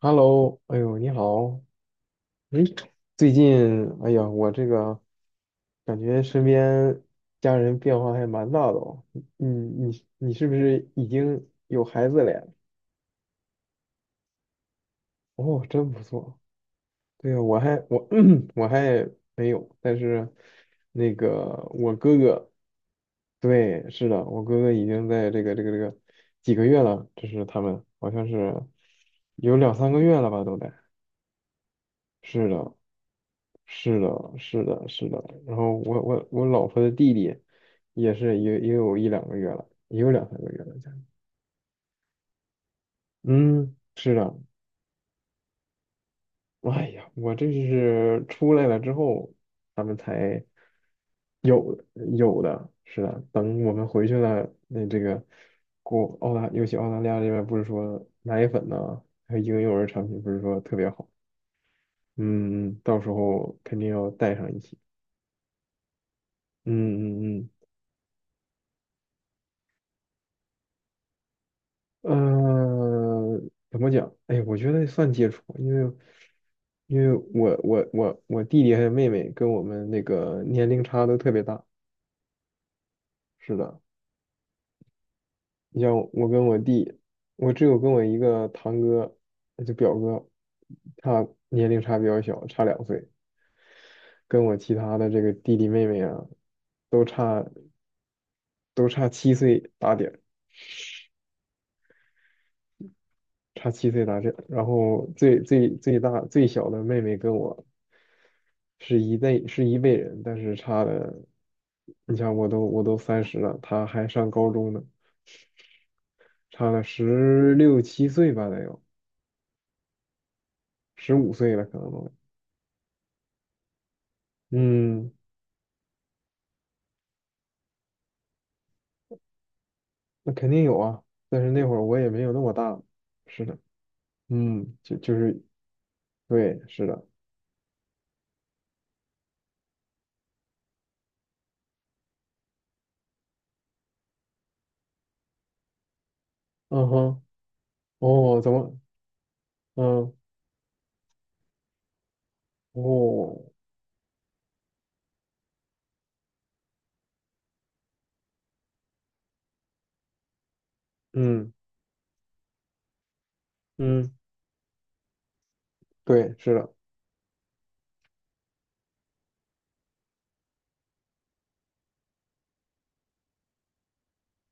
Hello，哎呦，你好，哎，最近，哎呀，我这个感觉身边家人变化还蛮大的哦。你是不是已经有孩子了呀？哦，真不错。对呀，我还我 我还没有，但是那个我哥哥，对，是的，我哥哥已经在这个几个月了，这是他们好像是有两三个月了吧，都得。是的，是的，是的，是的。然后我老婆的弟弟也是也有一两个月了，也有两三个月了，将近嗯，是的。哎呀，我这是出来了之后，他们才有有的，是的。等我们回去了，那这个国澳大，尤其澳大利亚这边不是说奶粉呢，还有婴幼儿产品不是说特别好，嗯到时候肯定要带上一起。嗯嗯嗯呃，怎么讲？哎，我觉得算接触，因为我弟弟还有妹妹跟我们那个年龄差都特别大。是的，你像我跟我弟，我只有跟我一个堂哥，就表哥，他年龄差比较小，差2岁，跟我其他的这个弟弟妹妹啊，都差都差七岁打点。差七岁大这，然后最小的妹妹跟我是一辈人，但是差的，你想我都30了，她还上高中呢，差了十六七岁吧得有，15岁了可能都，嗯，那肯定有啊，但是那会儿我也没有那么大，是的，嗯，就是对，是的，嗯哼，哦，怎么，嗯，哦，嗯嗯，对，是的，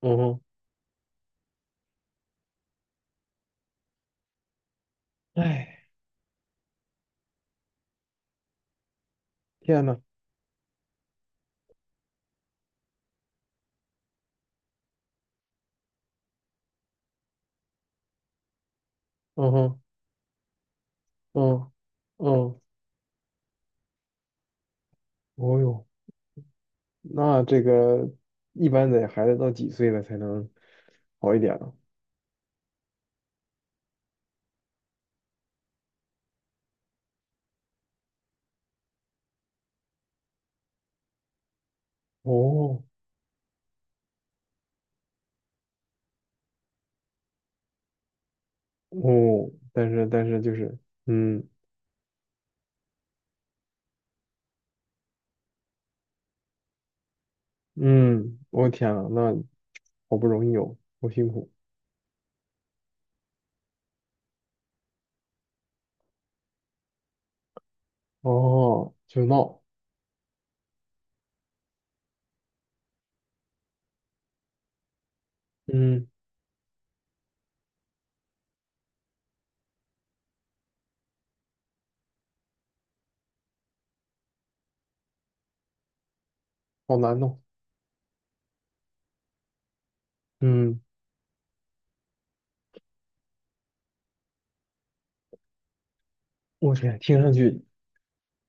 嗯哼，哎。天呐，嗯哼，嗯嗯，哦哟，那这个一般得孩子到几岁了才能好一点呢？哦哦，但是就是，嗯嗯，我天呐，那好不容易有，好辛苦哦，就闹，嗯，好难弄，嗯，我天，听上去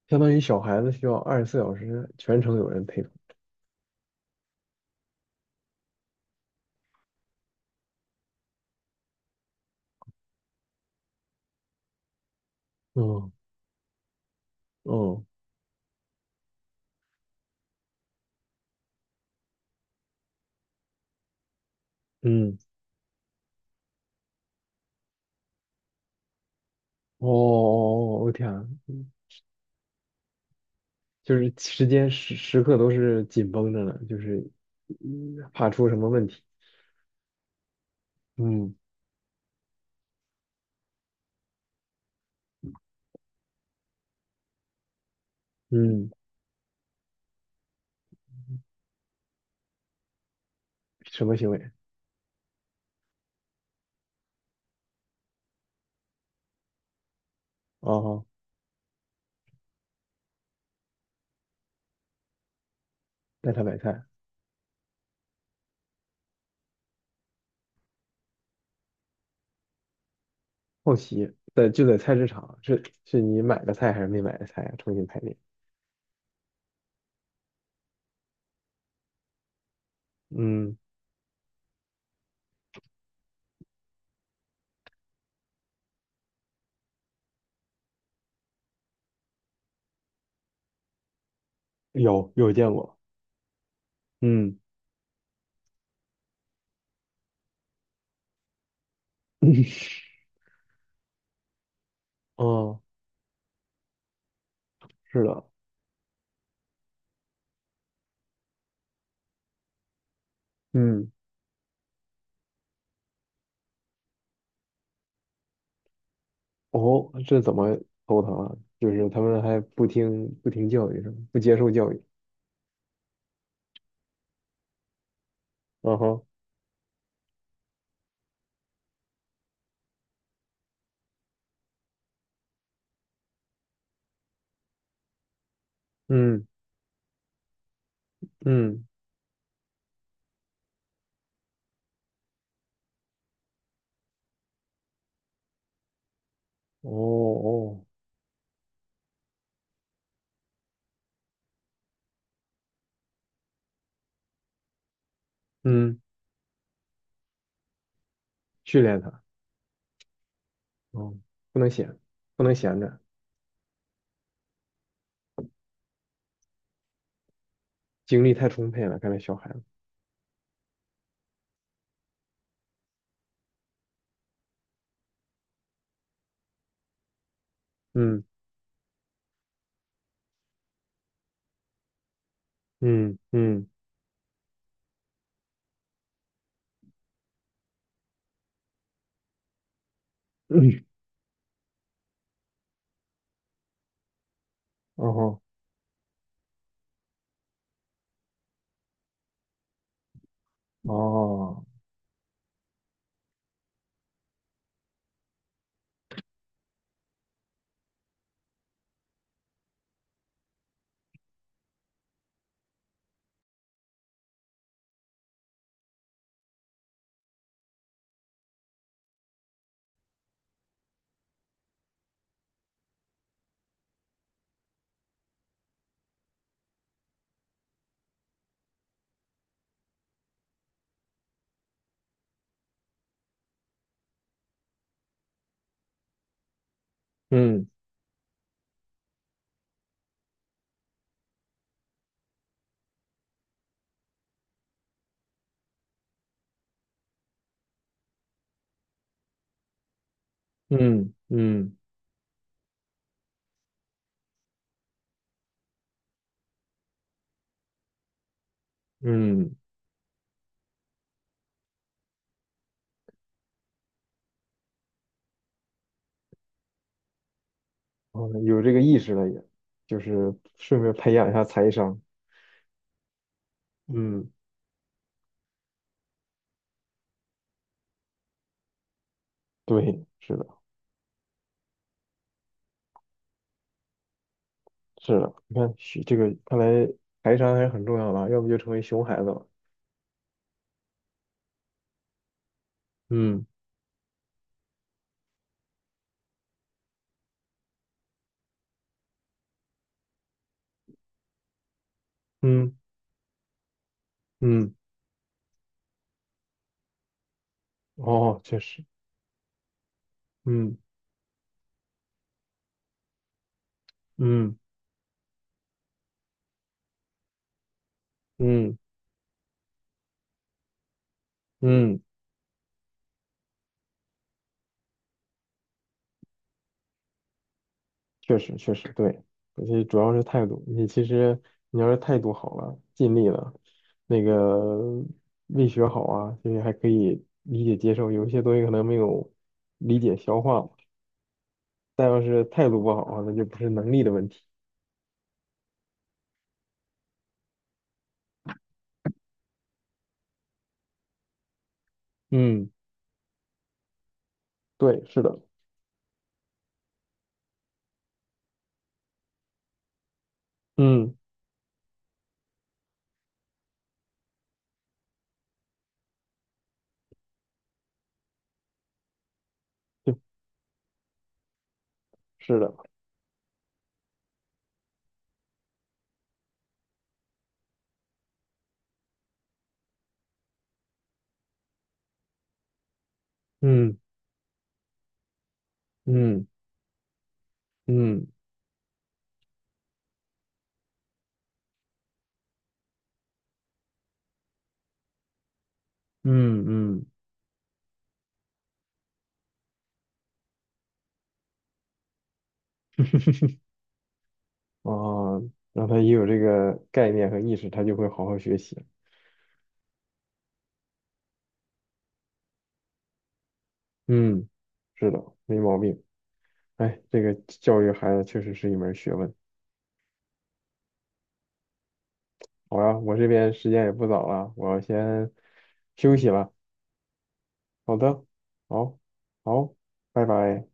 相当于小孩子需要24小时全程有人陪同，嗯嗯嗯，哦哦，哦我天啊就是时间时时刻都是紧绷着呢，就是怕出什么问题。嗯，嗯，什么行为？哦，带他买菜，好奇，就在菜市场，是你买的菜还是没买的菜啊？重新排列。嗯，有见过。嗯 哦，是的。嗯，哦，这怎么头疼啊？就是他们还不听教育是吗？不接受教育。嗯哼，嗯嗯，哦哦，嗯，训练他。哦，不能闲，不能闲着，精力太充沛了，看来小孩子。嗯嗯嗯嗯，哦哦，嗯嗯嗯嗯，哦，有这个意识了也，就是顺便培养一下财商。嗯，对，是的，是的，你看学这个，看来财商还是很重要的啊，要不就成为熊孩子了。嗯嗯嗯，哦，确实，嗯嗯嗯嗯。确实确实对，而且主要是态度。你其实你要是态度好了，尽力了，那个胃学好啊，其实还可以理解接受。有一些东西可能没有理解消化，但要是态度不好啊，那就不是能力的问题。嗯，对，是的，嗯，对，是的，嗯嗯嗯嗯嗯，啊，让他也有这个概念和意识，他就会好好学习。嗯，是的，没毛病。哎，这个教育孩子确实是一门学问。好呀，我这边时间也不早了，我先休息了。好的，好，好，拜拜。